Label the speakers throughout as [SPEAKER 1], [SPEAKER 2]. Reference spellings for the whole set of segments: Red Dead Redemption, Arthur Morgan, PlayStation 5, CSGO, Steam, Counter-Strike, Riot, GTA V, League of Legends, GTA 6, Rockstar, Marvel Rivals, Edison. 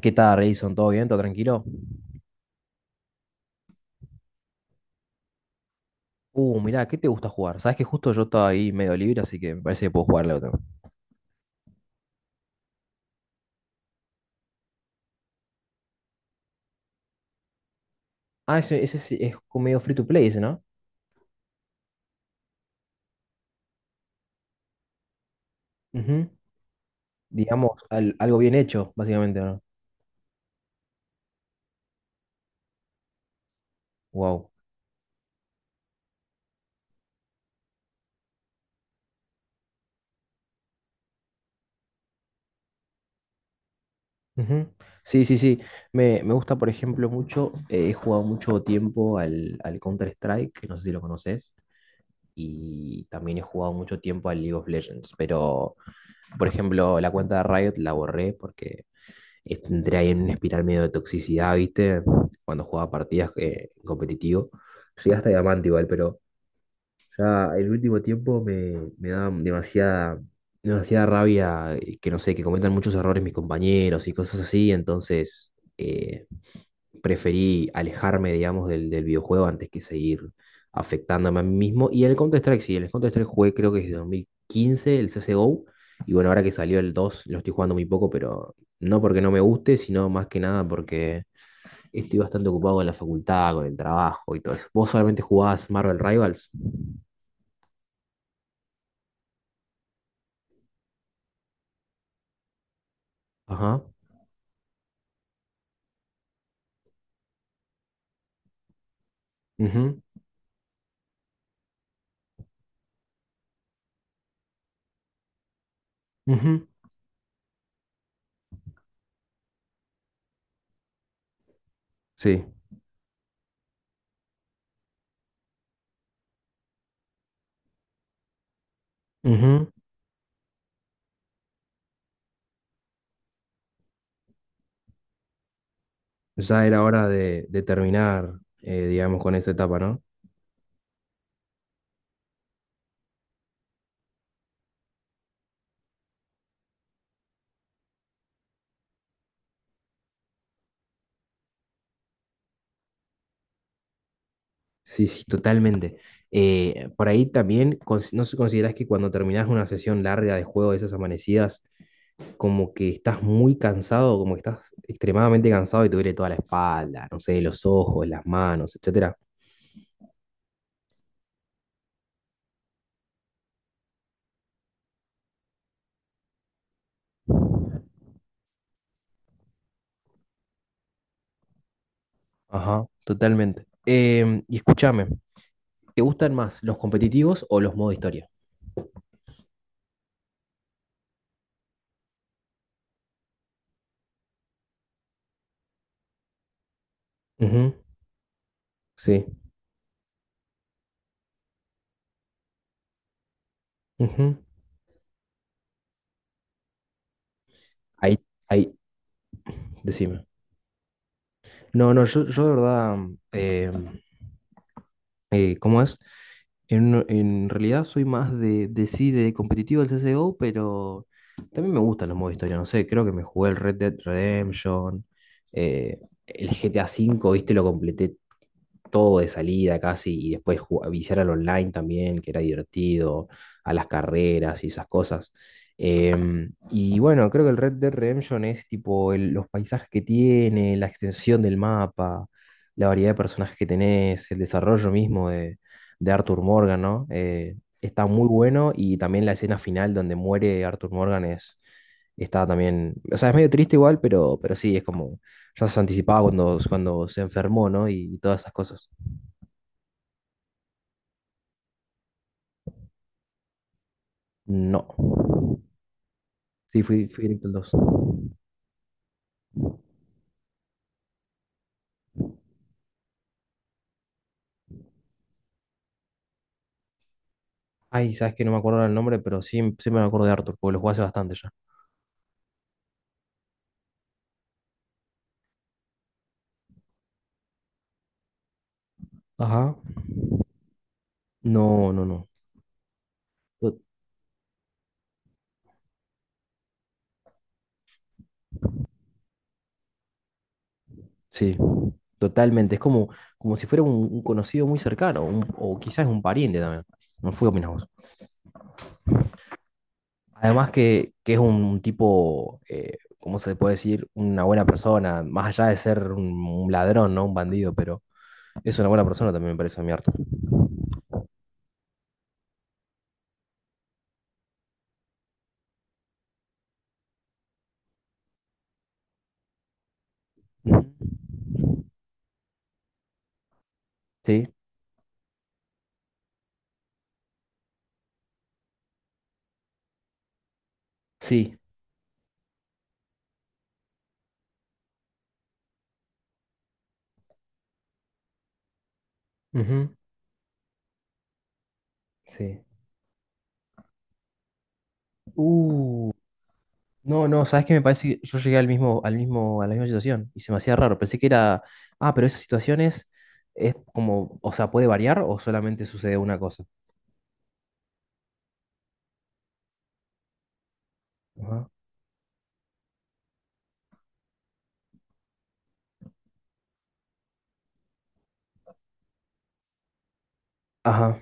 [SPEAKER 1] ¿Qué tal, Edison? ¿Todo bien? ¿Todo tranquilo? Mirá, ¿qué te gusta jugar? Sabes que justo yo estaba ahí medio libre, así que me parece que puedo jugarle otro. Ah, ese sí es como medio free to play, ese, ¿no? Ujú. Digamos, algo bien hecho, básicamente, ¿no? Wow. Ujú. Sí, sí, sí. Me gusta, por ejemplo, mucho. He jugado mucho tiempo al Counter-Strike, que no sé si lo conoces. Y también he jugado mucho tiempo al League of Legends. Pero, por ejemplo, la cuenta de Riot la borré porque entré ahí en una espiral medio de toxicidad, ¿viste? Cuando jugaba partidas competitivo. Llegué hasta diamante igual, pero ya el último tiempo me da demasiada rabia que no sé, que cometan muchos errores mis compañeros y cosas así, entonces eh, preferí alejarme, digamos, del videojuego antes que seguir afectándome a mí mismo. Y el Counter-Strike, sí, el Counter-Strike jugué creo que desde 2015, el CSGO. Y bueno, ahora que salió el 2 lo estoy jugando muy poco, pero no porque no me guste, sino más que nada porque estoy bastante ocupado con la facultad, con el trabajo y todo eso. ¿Vos solamente jugabas Marvel Rivals? Ajá. Ujú, ujú, sí. Ujú. Ya era hora de terminar, digamos, con esa etapa, ¿no? Sí, sí, totalmente. Por ahí también, ¿no se consideras que cuando terminas una sesión larga de juego de esas amanecidas, como que estás muy cansado, como que estás extremadamente cansado y te duele toda la espalda, no sé, los ojos, las manos, etcétera? Ajá, totalmente. Y escúchame, ¿te gustan más los competitivos o los modo historia? Ujú, sí. Ujú. Ahí, ahí, decime. No, no, yo de verdad, em, ¿cómo es? En realidad soy más de sí, de competitivo del CSGO, pero también me gustan los modos de historia. No sé, creo que me jugué el Red Dead Redemption, eh, el GTA V, viste, lo completé todo de salida casi, y después viciar al online también, que era divertido, a las carreras y esas cosas. Y bueno, creo que el Red Dead Redemption es tipo los paisajes que tiene, la extensión del mapa, la variedad de personajes que tenés, el desarrollo mismo de Arthur Morgan, ¿no? Está muy bueno y también la escena final donde muere Arthur Morgan es, está también, o sea, es medio triste igual, pero sí, es como ya se anticipaba cuando, cuando se enfermó, ¿no? Y todas esas cosas. No. Sí, fui, fui directo al 2. Ay, sabes que no me acuerdo ahora el nombre, pero sí, sí me acuerdo de Arthur, porque lo jugué hace bastante ya. Ajá. No, no, no. To- sí, totalmente. Es como, como si fuera un conocido muy cercano, o quizás un pariente también. No fui opinás vos. Además que es un tipo, ¿cómo se puede decir? Una buena persona, más allá de ser un ladrón, ¿no? Un bandido, pero es una buena persona también me parece a mí, Arthur. Ujú. Sí, sí, ujú, sí. Uh, no, no, ¿sabes qué? Me parece que yo llegué al mismo, a la misma situación y se me hacía raro. Pensé que era, ah, pero esas situaciones es como, o sea, puede variar o solamente sucede una cosa. Ajá, ajá,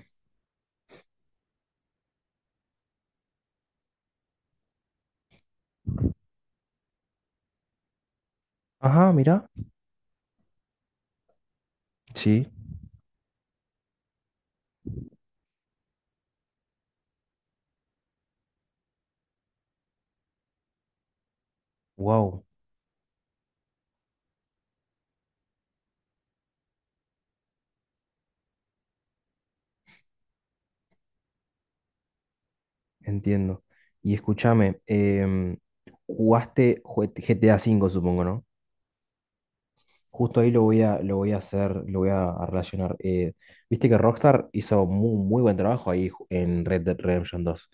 [SPEAKER 1] ajá, mira. Sí, wow, entiendo. Y escúchame, jugaste G T A cinco, supongo, ¿no? Justo ahí lo voy a hacer, lo voy a relacionar. Viste que Rockstar hizo muy buen trabajo ahí en Red Dead Redemption dos.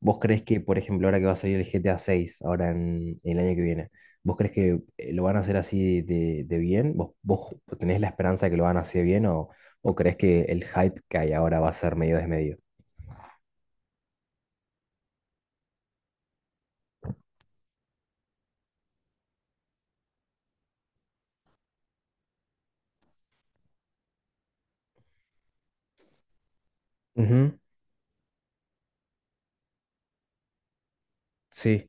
[SPEAKER 1] ¿Vos crees que, por ejemplo, ahora que va a salir el GTA 6, ahora el año que viene, vos crees que lo van a hacer así de bien? ¿Vos, vos tenés la esperanza de que lo van a hacer bien o creés que el hype que hay ahora va a ser medio desmedido? Ujú, sí.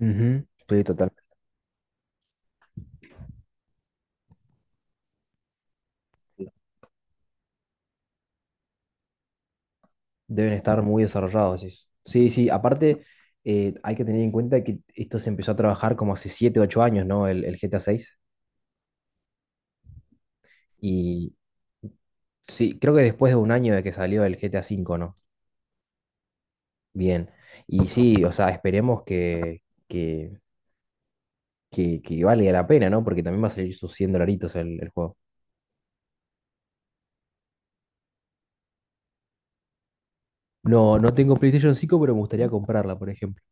[SPEAKER 1] Ujú, estoy. Deben estar muy desarrollados, decís. Sí, sí, aparte hay que tener en cuenta que esto se empezó a trabajar como hace 7, 8 años, ¿no? El GTA 6. Y sí, creo que después de un año de que salió el GTA 5, ¿no? Bien. Y sí, o sea, esperemos que, que valga la pena, ¿no? Porque también va a salir sus 100 dolaritos el juego. No, no tengo PlayStation 5, pero me gustaría comprarla, por ejemplo.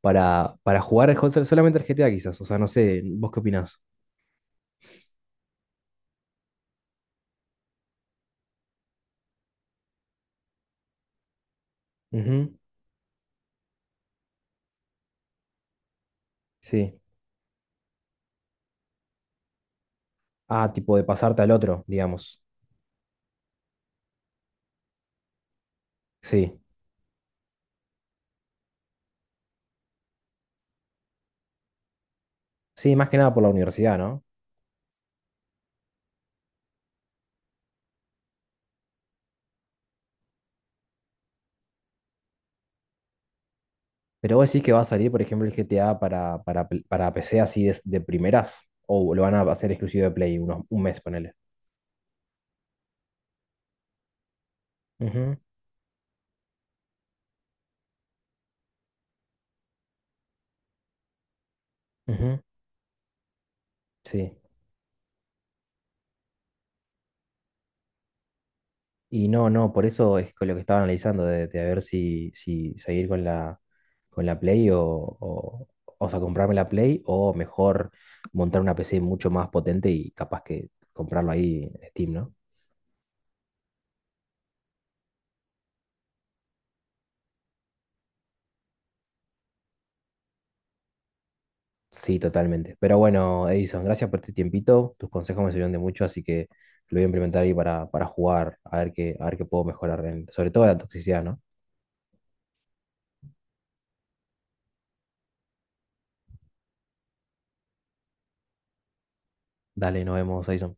[SPEAKER 1] Para jugar solamente al GTA quizás. O sea, no sé, ¿vos qué opinás? Ujú, sí. Ah, tipo de pasarte al otro, digamos. Sí. Sí, más que nada por la universidad, ¿no? Pero vos decís que va a salir, por ejemplo, el GTA para, para PC así de primeras. O lo van a hacer exclusivo de Play unos, un mes, ponele. Ujú, ujú, sí. Y no, no, por eso es con lo que estaba analizando, de a ver si, si seguir con la Play o sea, comprarme la Play o mejor montar una PC mucho más potente y capaz que comprarlo ahí en Steam, ¿no? Sí, totalmente. Pero bueno, Edison, gracias por este tiempito. Tus consejos me sirvieron de mucho, así que lo voy a implementar ahí para jugar, a ver qué puedo mejorar, sobre todo la toxicidad, ¿no? Dale, nos vemos, Edison.